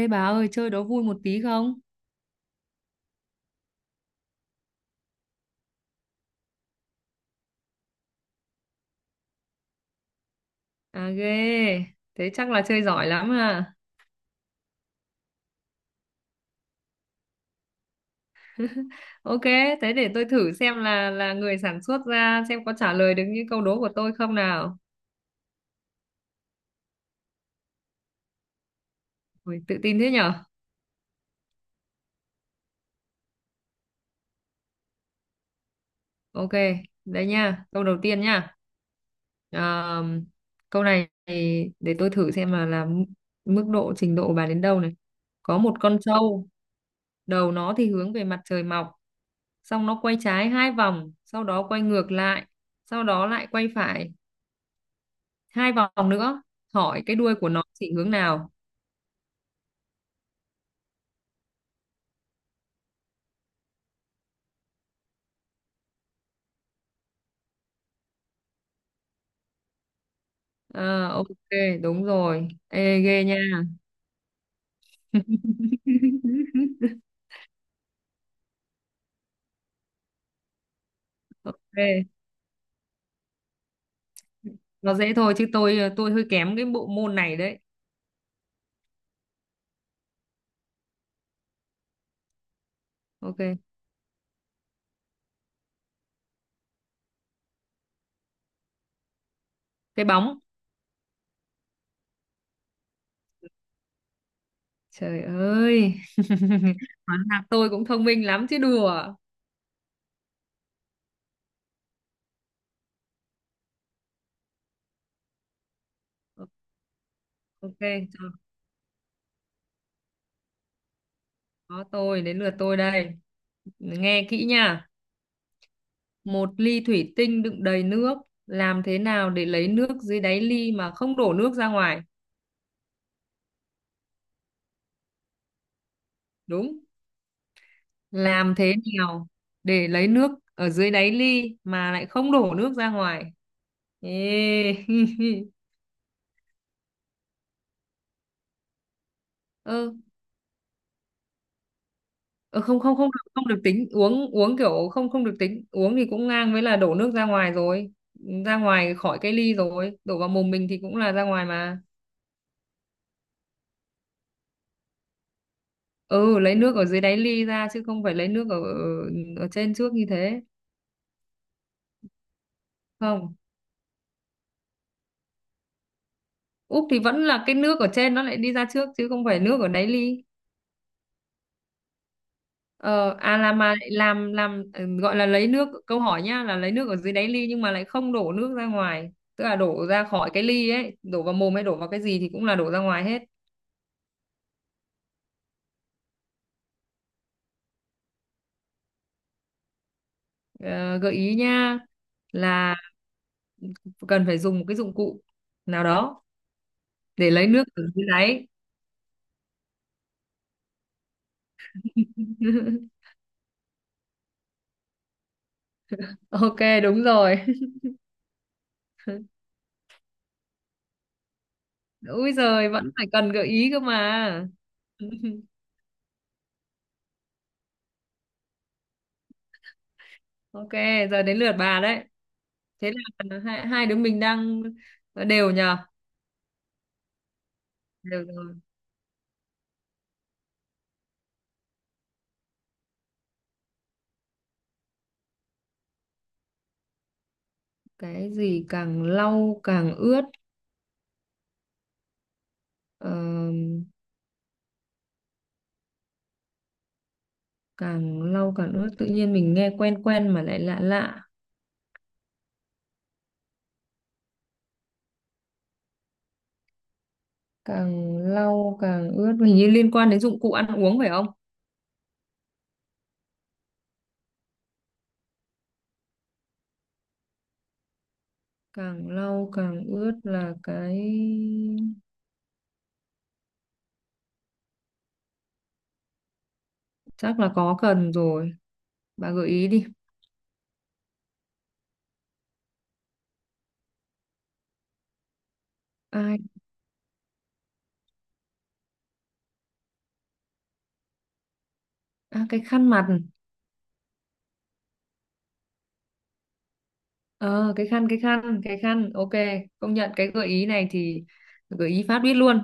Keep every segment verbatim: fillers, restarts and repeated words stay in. Ê bà ơi, chơi đố vui một tí không? À ghê, thế chắc là chơi giỏi lắm à. Ok, thế để tôi thử xem là là người sản xuất ra xem có trả lời được những câu đố của tôi không nào. Ui, tự tin thế nhở? Ok, đây nha, câu đầu tiên nha. À, câu này thì để tôi thử xem là là m- mức độ trình độ của bà đến đâu này. Có một con trâu, đầu nó thì hướng về mặt trời mọc, xong nó quay trái hai vòng, sau đó quay ngược lại, sau đó lại quay phải hai vòng nữa, hỏi cái đuôi của nó chỉ hướng nào? Ờ, ok, đúng rồi. Ê, ghê nha. Ghê. Nó dễ thôi chứ tôi tôi hơi kém cái bộ môn này đấy. Ok, cái bóng. Trời ơi, hóa ra tôi cũng thông minh lắm chứ đùa. Ok. Cho. Có, tôi đến lượt tôi đây. Nghe kỹ nha. Một ly thủy tinh đựng đầy nước, làm thế nào để lấy nước dưới đáy ly mà không đổ nước ra ngoài? Đúng. Làm thế nào để lấy nước ở dưới đáy ly mà lại không đổ nước ra ngoài? Ê. Ơ, ờ, không không không được, không được tính uống, uống kiểu không không được tính uống thì cũng ngang với là đổ nước ra ngoài rồi, ra ngoài khỏi cái ly rồi đổ vào mồm mình thì cũng là ra ngoài mà. Ừ, lấy nước ở dưới đáy ly ra chứ không phải lấy nước ở ở, ở trên trước như thế. Không, úp thì vẫn là cái nước ở trên nó lại đi ra trước chứ không phải nước ở đáy ly. Ờ, à, là mà lại làm làm ừ, gọi là lấy nước, câu hỏi nhá là lấy nước ở dưới đáy ly nhưng mà lại không đổ nước ra ngoài, tức là đổ ra khỏi cái ly ấy, đổ vào mồm hay đổ vào cái gì thì cũng là đổ ra ngoài hết. Ờ, gợi ý nha, là cần phải dùng một cái dụng cụ nào đó để lấy nước ở dưới đáy. Ok, đúng rồi. Úi giời, vẫn phải cần gợi ý cơ mà. Ok, giờ đến lượt bà đấy. Thế là hai, hai đứa mình đang đều nhờ. Được rồi. Cái gì càng lau càng ướt? ờ, Càng lau càng ướt, tự nhiên mình nghe quen quen mà lại lạ lạ. Càng lau càng ướt hình như liên quan đến dụng cụ ăn uống phải không? Càng lau càng ướt là cái. Chắc là có cần rồi, bà gợi ý đi. Ai. À, cái khăn mặt. ờ cái khăn, cái khăn, cái khăn, ok. Công nhận cái gợi ý này thì gợi ý phát biết luôn.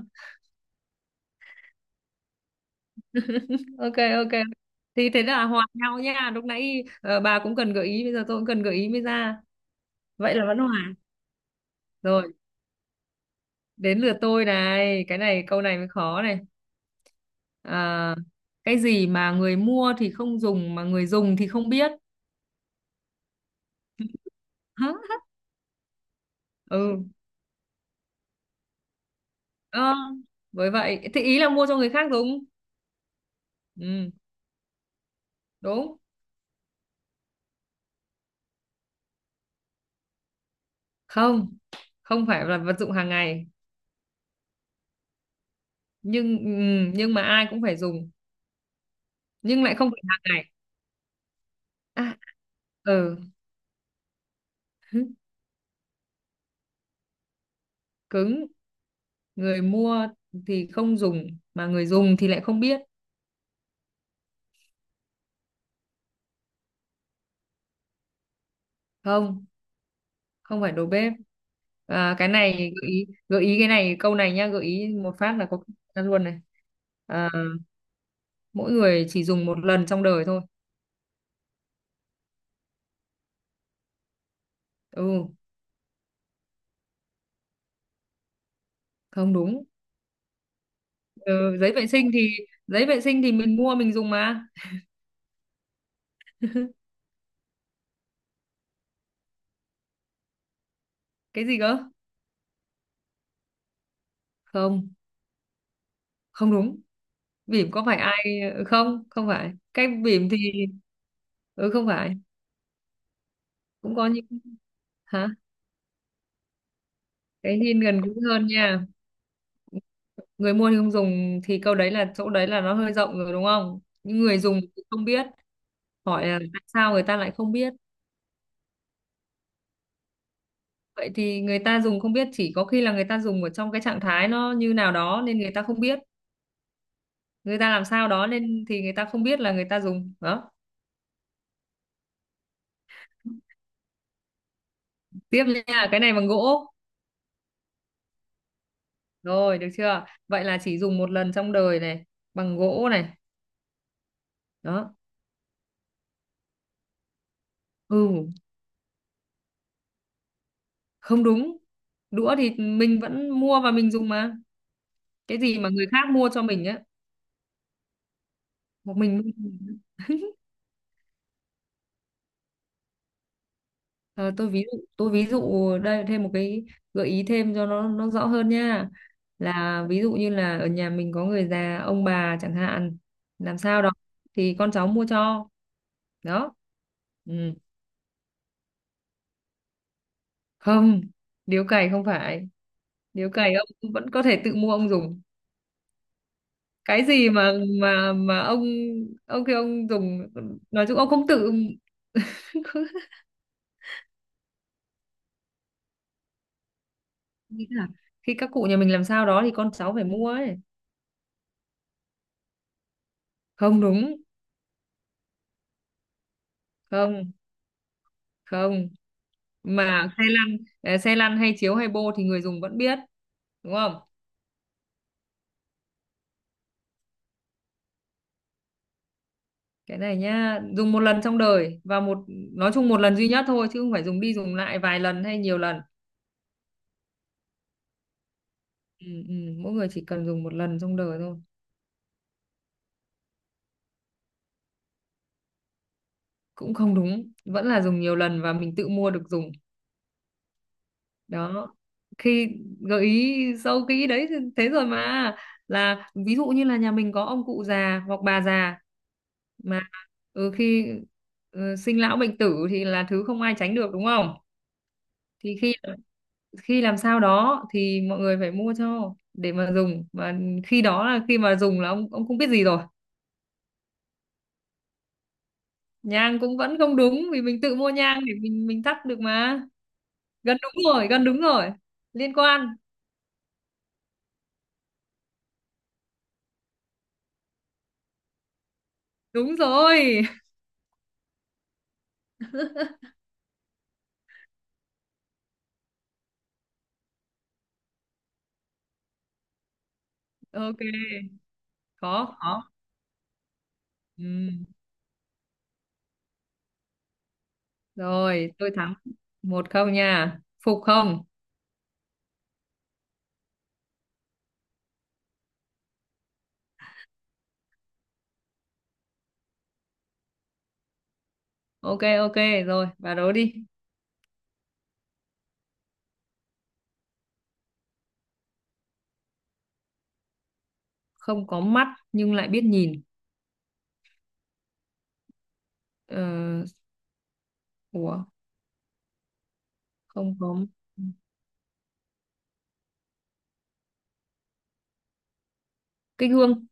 Ok, ok. Thì thế là hòa nhau nha, lúc nãy ờ, bà cũng cần gợi ý, bây giờ tôi cũng cần gợi ý mới ra. Vậy là vẫn hòa. Rồi, đến lượt tôi này, cái này câu này mới khó này. À, cái gì mà người mua thì không dùng mà người dùng thì không biết? Hả? Ừ. ờ, với vậy thì ý là mua cho người khác đúng. Ừ, đúng. Không, không phải là vật dụng hàng ngày. Nhưng ừ, nhưng mà ai cũng phải dùng. Nhưng lại không phải hàng ngày. À, ừ. Cứng. Người mua thì không dùng mà người dùng thì lại không biết. Không, không phải đầu bếp. À, cái này gợi ý gợi ý cái này câu này nhá, gợi ý một phát là có ra luôn này. À, mỗi người chỉ dùng một lần trong đời thôi. Ừ. Không đúng. Ừ, giấy vệ sinh thì giấy vệ sinh thì mình mua mình dùng mà. Cái gì cơ? Không. Không đúng. Bỉm có phải ai, ừ, không, không phải cái bỉm thì. Ừ, không phải. Cũng có những. Hả? Cái hiên gần gũi hơn nha. Người mua thì không dùng thì câu đấy là chỗ đấy là nó hơi rộng rồi đúng không, những người dùng thì không biết. Hỏi là tại sao người ta lại không biết. Vậy thì người ta dùng không biết, chỉ có khi là người ta dùng ở trong cái trạng thái nó như nào đó nên người ta không biết. Người ta làm sao đó nên thì người ta không biết là người ta dùng đó. Tiếp nha, cái này bằng gỗ. Rồi, được chưa, vậy là chỉ dùng một lần trong đời này, bằng gỗ này đó. Ừ. Không đúng, đũa thì mình vẫn mua và mình dùng mà. Cái gì mà người khác mua cho mình á. Một mình mua. Ờ, tôi ví dụ tôi ví dụ đây, thêm một cái gợi ý thêm cho nó nó rõ hơn nha, là ví dụ như là ở nhà mình có người già ông bà chẳng hạn, làm sao đó thì con cháu mua cho đó. Ừ. Không, điếu cày không phải, điếu cày ông vẫn có thể tự mua ông dùng. Cái gì mà mà mà ông ông khi ông dùng, nói chung ông không tự nghĩ là khi các cụ nhà mình làm sao đó thì con cháu phải mua ấy. Không đúng. Không, không, mà xe lăn. Ờ, xe lăn hay chiếu hay bô thì người dùng vẫn biết, đúng không. Cái này nhá, dùng một lần trong đời, và một, nói chung một lần duy nhất thôi chứ không phải dùng đi dùng lại vài lần hay nhiều lần. Ừ, ừ, mỗi người chỉ cần dùng một lần trong đời thôi. Cũng không đúng, vẫn là dùng nhiều lần và mình tự mua được dùng. Đó, khi gợi ý sâu kỹ đấy thì thế rồi mà, là ví dụ như là nhà mình có ông cụ già hoặc bà già, mà ừ, khi ừ, sinh lão bệnh tử thì là thứ không ai tránh được đúng không, thì khi khi làm sao đó thì mọi người phải mua cho để mà dùng, và khi đó là khi mà dùng là ông ông không biết gì rồi. Nhang cũng vẫn không đúng vì mình tự mua nhang để mình mình thắp được mà. Gần đúng rồi, gần đúng rồi. Liên quan. Đúng rồi. Ok, khó khó. Ừ. Rồi, tôi thắng một không nha, phục không? Ok, ok. Rồi, bà đố đi. Không có mắt nhưng lại biết nhìn? ờ, Ủa. Không có. Cái gương.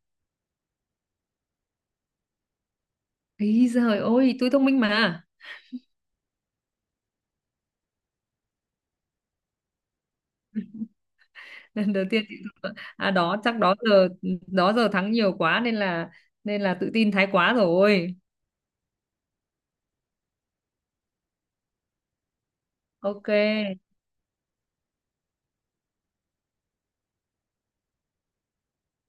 Ý giời ơi, tôi thông minh mà. Lần đầu tiên chị thông- à, đó chắc đó giờ, đó giờ thắng nhiều quá nên là nên là tự tin thái quá rồi. Ok,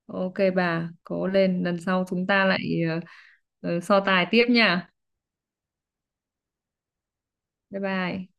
ok bà, cố lên lần sau chúng ta lại, ờ, ờ, so tài tiếp nha. Bye bye.